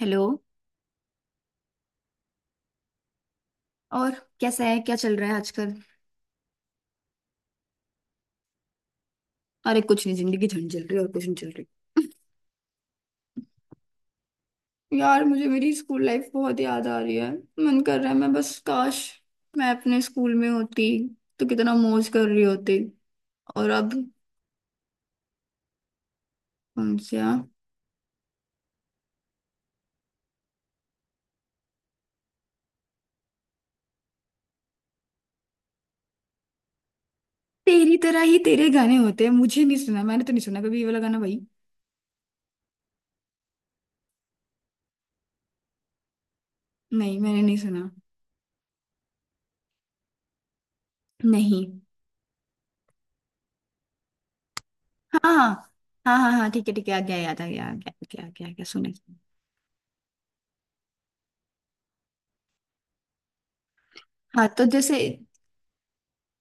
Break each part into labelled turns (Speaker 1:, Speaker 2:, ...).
Speaker 1: Hello. और कैसा है, क्या चल रहा है आजकल? अरे कुछ नहीं, जिंदगी झंड चल रही है, और कुछ नहीं चल रही। यार, मुझे मेरी स्कूल लाइफ बहुत याद आ रही है। मन कर रहा है, मैं बस काश मैं अपने स्कूल में होती तो कितना मौज कर रही होती। और अब। कौन सा? तेरी तरह ही तेरे गाने होते हैं, मुझे नहीं सुना, मैंने तो नहीं सुना कभी ये वाला गाना भाई। नहीं, मैंने नहीं सुना। नहीं। हाँ हाँ। हाँ हाँ हाँ, ठीक है ठीक है, आ गया, याद आ गया, आ गया आ गया आ गया, आ गया सुने। हाँ, तो जैसे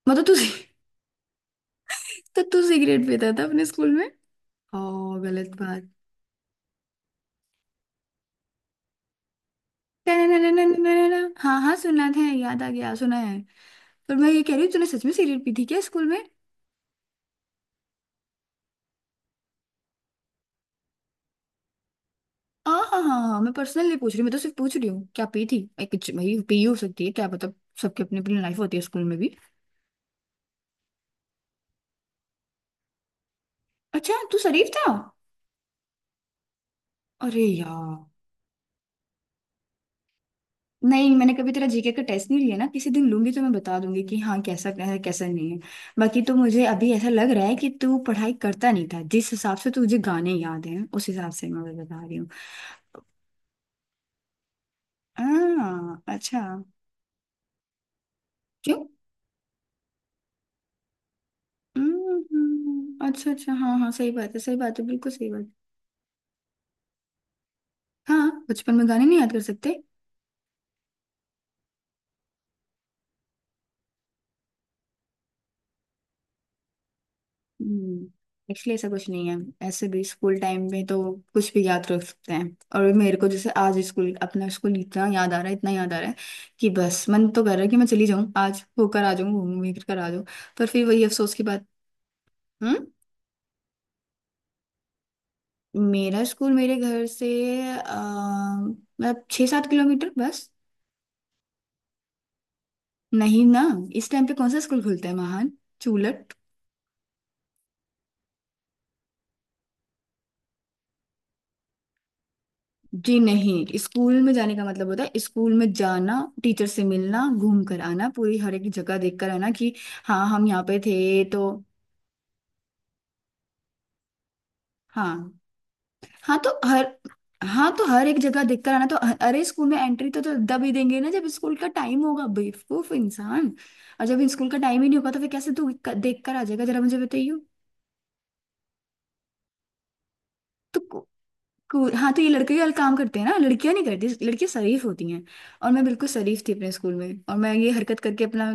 Speaker 1: मतलब तू तो तू सिगरेट पीता था अपने स्कूल में? ओ, गलत बात। टननननननननननन। हाँ हाँ, सुना है, याद आ गया, सुना है। पर मैं ये कह रही हूँ, तूने सच में सिगरेट पी थी क्या स्कूल में? हाँ हाँ हाँ हाँ, मैं पर्सनल नहीं पूछ रही, मैं तो सिर्फ पूछ रही हूँ क्या पी थी। एक कुछ भाई पी हो सकती है, क्या पता। सबकी अपनी अपनी लाइफ होती है स्कूल में भी। अच्छा, तू शरीफ था। अरे यार। नहीं, मैंने कभी तेरा जीके का टेस्ट नहीं लिया ना, किसी दिन लूंगी तो मैं बता दूंगी कि हाँ कैसा क्या है, कैसा नहीं है। बाकी तो मुझे अभी ऐसा लग रहा है कि तू पढ़ाई करता नहीं था, जिस हिसाब से तुझे गाने याद हैं उस हिसाब से मैं बता रही हूँ। हाँ अच्छा। क्यों? हम्म, अच्छा अच्छा, हाँ हाँ, सही बात है, सही बात है, बिल्कुल सही बात है। हाँ, बचपन में गाने नहीं याद कर सकते? एक्चुअली ऐसा कुछ नहीं है। ऐसे भी स्कूल टाइम में तो कुछ भी याद रख सकते हैं। और मेरे को जैसे आज स्कूल, अपना स्कूल इतना याद आ रहा है, इतना याद आ रहा है कि बस मन तो कर रहा है कि मैं चली जाऊँ, आज होकर आ जाऊँ, घूम घूम कर आ जाऊँ। पर फिर वही अफसोस की बात। हम्म। मेरा स्कूल मेरे घर से, मतलब 6-7 किलोमीटर बस। नहीं ना, इस टाइम पे कौन सा स्कूल खुलता है महान। चूलट। जी नहीं, स्कूल में जाने का मतलब होता है स्कूल में जाना, टीचर से मिलना, घूम कर आना, पूरी हर एक जगह देख कर आना कि हाँ, हम यहाँ पे थे तो। हाँ। हाँ तो हर हाँ तो हर एक जगह देख कर आना तो अरे, स्कूल में एंट्री तो तब ही देंगे ना जब स्कूल का टाइम होगा, बेवकूफ इंसान। और जब स्कूल का टाइम ही नहीं होगा तो फिर कैसे तू देख कर आ जाएगा, जरा मुझे बताइयो। तो कूल, हाँ, तो ये लड़के ही काम करते हैं ना, लड़कियां नहीं करती, लड़कियां शरीफ होती हैं। और मैं बिल्कुल शरीफ थी अपने स्कूल में, और मैं ये हरकत करके अपना।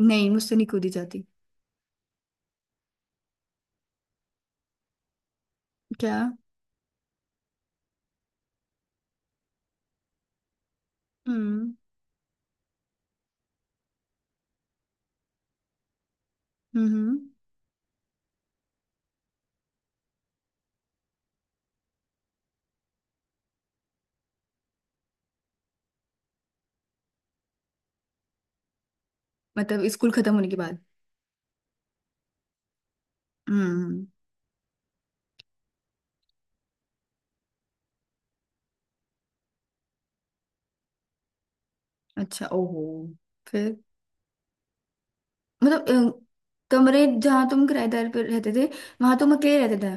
Speaker 1: नहीं, मुझसे नहीं कूदी जाती। क्या? हम्म हम्म। मतलब स्कूल खत्म होने के बाद। हम्म। अच्छा, ओहो। फिर। मतलब कमरे जहाँ तुम किराएदार पर रहते थे, वहां तुम अकेले रहते थे?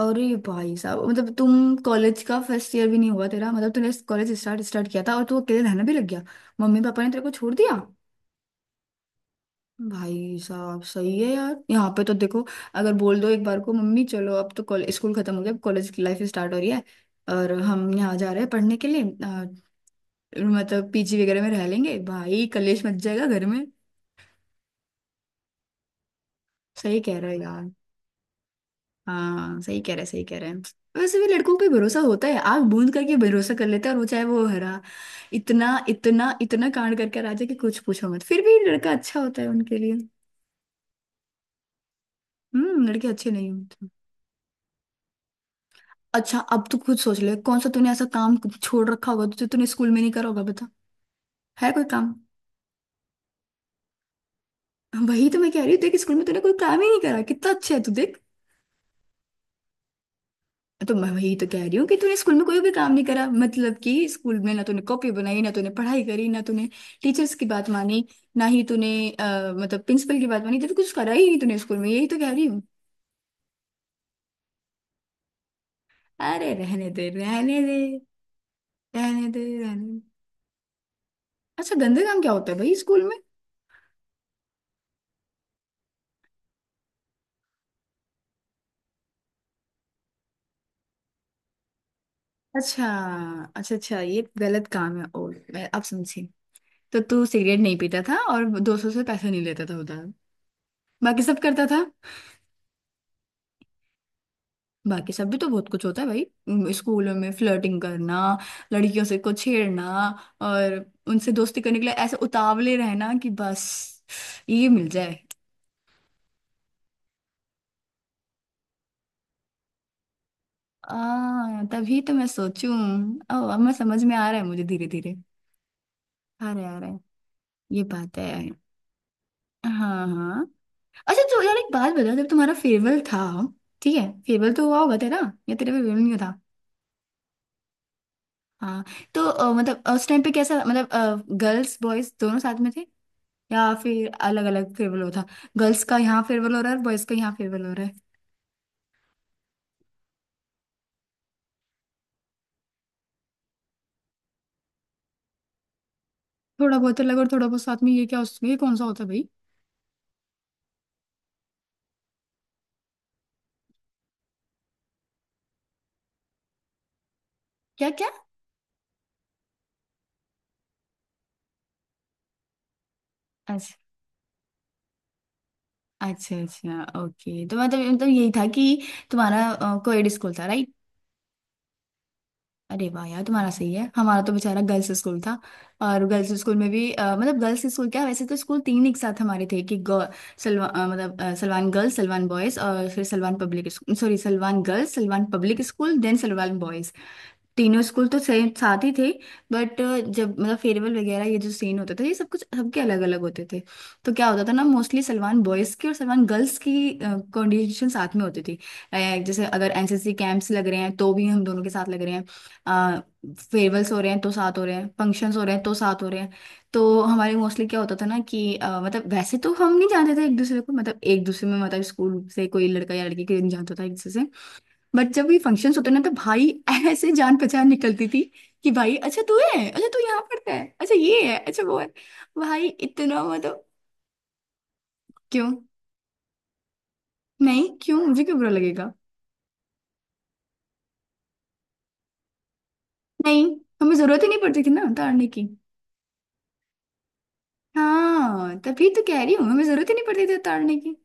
Speaker 1: अरे भाई साहब, मतलब तुम कॉलेज का फर्स्ट ईयर भी नहीं हुआ तेरा, मतलब तूने कॉलेज स्टार्ट स्टार्ट किया था और तू अकेले रहना भी लग गया? मम्मी पापा ने तेरे को छोड़ दिया? भाई साहब, सही है यार, यहाँ पे तो देखो, अगर बोल दो एक बार को मम्मी चलो अब तो कॉलेज, स्कूल खत्म हो गया, अब कॉलेज की लाइफ स्टार्ट हो रही है और हम यहाँ जा रहे हैं पढ़ने के लिए, मतलब पीजी वगैरह में रह लेंगे, भाई कलेश मच जाएगा घर में। सही कह रहे हो यार। हाँ, सही कह रहे हैं, सही कह रहे हैं। वैसे भी लड़कों पे भरोसा होता है, आग बूंद करके भरोसा कर लेते हैं, और वो चाहे वो हरा इतना इतना इतना कांड करके राजा कि कुछ पूछो मत, फिर भी लड़का अच्छा होता है उनके लिए। हम्म, लड़के अच्छे नहीं होते। अच्छा, अब तू खुद सोच ले कौन सा तूने ऐसा काम छोड़ रखा होगा जो तूने स्कूल में नहीं करा होगा, बता। है कोई काम? वही तो मैं कह रही हूँ, देख स्कूल में तूने कोई काम ही नहीं करा, कितना अच्छा है तू, देख। तो मैं वही तो कह रही हूँ कि तूने स्कूल में कोई भी काम नहीं करा, मतलब कि स्कूल में ना तूने कॉपी बनाई, ना तूने पढ़ाई करी, ना तूने टीचर्स की बात मानी, ना ही तूने मतलब प्रिंसिपल की बात मानी, तो कुछ करा ही नहीं तूने स्कूल में, यही तो कह रही हूँ। अरे, रहने दे रहने दे। रहने दे रहने दे। अच्छा गंदे काम क्या होता है भाई स्कूल में? अच्छा। अच्छा अच्छा, ये गलत काम है, ओ मैं अब समझी। तो तू सिगरेट नहीं पीता था और दोस्तों से पैसे नहीं लेता था उधार? बाकी सब करता था। बाकी सब भी तो बहुत कुछ होता है भाई। स्कूलों में फ्लर्टिंग करना, लड़कियों से को छेड़ना, और उनसे दोस्ती करने के लिए ऐसे उतावले रहना कि बस ये मिल जाए। आ, तभी तो मैं सोचूं। ओ, अब मैं समझ में आ रहा है, मुझे धीरे धीरे आ रहा है, आ रहा है। ये बात है। हाँ हाँ। अच्छा तो यार, एक बात बता, जब तुम्हारा फेयरवेल था, ठीक है, फेयरवेल तो हुआ होगा तेरा, या तेरा फेयरवेल नहीं हुआ था? हाँ, तो मतलब उस टाइम पे कैसा, मतलब गर्ल्स बॉयज दोनों साथ में थे, या फिर अलग अलग फेयरवेल हो था, गर्ल्स का यहाँ फेयरवेल हो रहा है और बॉयज का यहाँ फेयरवेल हो रहा है? थोड़ा बहुत अलग और थोड़ा बहुत साथ में, ये क्या, उसमें ये कौन सा होता है भाई? क्या क्या? अच्छा अच्छा अच्छा, ओके, तो मतलब यही था कि तुम्हारा कोएड स्कूल था, राइट? अरे वाह यार, तुम्हारा सही है, हमारा तो बेचारा गर्ल्स स्कूल था। और गर्ल्स स्कूल में भी मतलब गर्ल्स स्कूल क्या, वैसे तो स्कूल तीन एक साथ हमारे थे, कि गर्ल सलवा मतलब सलवान गर्ल्स, सलवान बॉयज और फिर Salwan public, sorry Salwan girls, Salwan public school, then Salwan boys. तीनों स्कूल तो सेम साथ ही थे। बट जब मतलब फेयरवेल वगैरह, ये जो सीन होते थे, ये सब कुछ सबके अलग अलग होते थे। तो क्या होता था ना, मोस्टली सलमान बॉयज़ की और सलमान गर्ल्स की कंडीशन साथ में होती थी। अ, जैसे अगर एनसीसी कैंप्स लग रहे हैं तो भी हम दोनों के साथ लग रहे हैं, फेयरवेल्स हो रहे हैं तो साथ हो रहे हैं, फंक्शंस हो रहे हैं तो साथ हो रहे हैं। तो हमारे मोस्टली क्या होता था ना कि मतलब वैसे तो हम नहीं जानते थे एक दूसरे को, मतलब एक दूसरे में, मतलब स्कूल से कोई लड़का या लड़की कोई नहीं जानता था एक दूसरे से। बट जब भी फंक्शंस होते ना, तो भाई ऐसे जान पहचान निकलती थी कि भाई अच्छा तू है, अच्छा तू यहाँ पढ़ता है, अच्छा ये है, अच्छा वो है, भाई इतना, मतलब। क्यों? नहीं क्यों, मुझे क्यों बुरा लगेगा? नहीं, हमें जरूरत ही नहीं पड़ती थी ना उतारने की। हाँ, तभी तो कह रही हूँ, हमें जरूरत ही नहीं पड़ती थी उतारने की।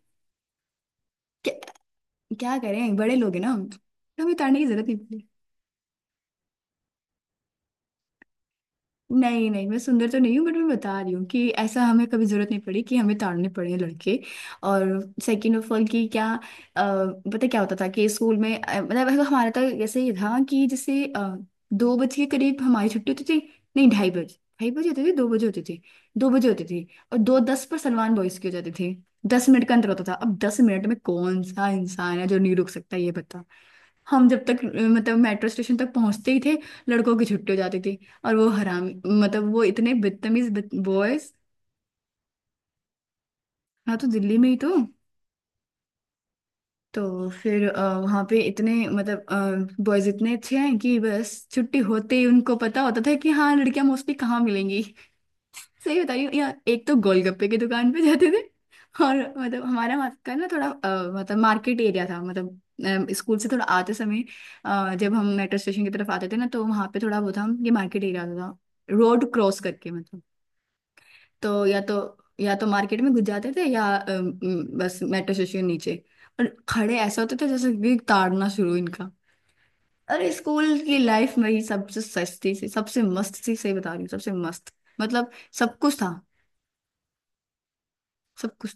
Speaker 1: क्या, क्या करें, बड़े लोग हैं ना हम तो, हमें उतारने की जरूरत नहीं। नहीं नहीं, मैं सुंदर तो नहीं हूँ, बट मैं बता रही हूँ कि ऐसा हमें कभी जरूरत नहीं पड़ी कि हमें ताड़ने पड़े लड़के। और सेकंड ऑफ ऑल कि क्या, पता क्या होता था कि स्कूल में, मतलब अगर हमारा तो ऐसे ही था कि जैसे 2 बजे के करीब हमारी छुट्टी होती थी। नहीं, 2:30 बजे, 2:30 बजे होती थी, 2 बजे होती थी, दो बजे होती थी। और 2:10 पर सलमान बॉयज की हो जाती थी। दस मिनट का अंतर होता था, अब 10 मिनट में कौन सा इंसान है जो नहीं रुक सकता ये। हम जब तक मतलब मेट्रो स्टेशन तक पहुंचते ही थे, लड़कों की छुट्टी हो जाती थी। और वो हरामी, मतलब वो इतने बदतमीज बॉयज। हाँ, तो दिल्ली में ही तो। तो फिर वहाँ पे इतने, मतलब बॉयज इतने अच्छे हैं कि बस छुट्टी होते ही उनको पता होता था कि हाँ लड़कियां मोस्टली कहाँ मिलेंगी। सही बता रही हूँ, या एक तो गोलगप्पे की दुकान पे जाते थे। और मतलब हमारा वहाँ का ना थोड़ा मतलब मार्केट एरिया था, मतलब स्कूल से थोड़ा आते समय, जब हम मेट्रो स्टेशन की तरफ आते थे ना, तो वहाँ पे थोड़ा वो था, ये मार्केट एरिया था, रोड क्रॉस करके मतलब। तो या तो मार्केट में घुस जाते थे, या बस मेट्रो स्टेशन नीचे। और खड़े ऐसे होते थे जैसे कि ताड़ना शुरू इनका। अरे स्कूल की लाइफ मेरी सबसे सस्ती सी, सबसे मस्त सी, सही बता रही हूँ, सबसे मस्त, मतलब सब कुछ था। सब कुछ,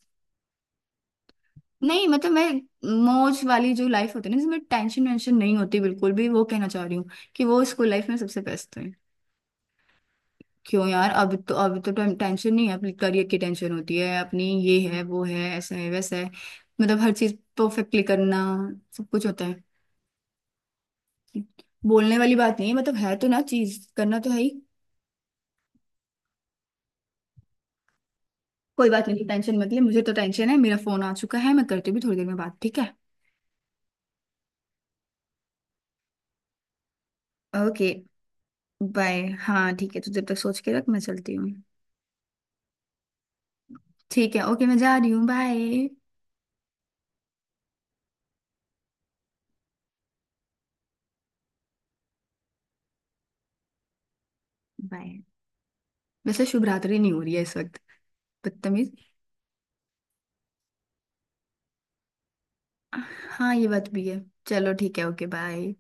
Speaker 1: नहीं मतलब मैं, मौज वाली जो लाइफ होती है ना, जिसमें टेंशन वेंशन नहीं होती बिल्कुल भी, वो कहना चाह रही हूँ कि वो स्कूल लाइफ में सबसे बेस्ट है। क्यों यार, अब तो, अब तो टेंशन नहीं है? अपनी करियर की टेंशन होती है, अपनी ये है, वो है, ऐसा है, वैसा है, मतलब हर चीज परफेक्टली करना, सब कुछ होता है। बोलने वाली बात नहीं है, मतलब है तो ना, चीज करना तो है ही। कोई बात नहीं, टेंशन मत ले, मुझे तो टेंशन है, मेरा फोन आ चुका है, मैं करती हूँ भी थोड़ी देर में बात, ठीक है? Okay bye. हाँ ठीक है, तू जब तक सोच के रख, मैं चलती हूँ। ठीक है, ओके, मैं जा रही हूँ, बाय। बाय। वैसे शुभ रात्रि नहीं हो रही है इस वक्त, बदतमीज। हाँ, ये बात भी है। चलो ठीक है, ओके बाय।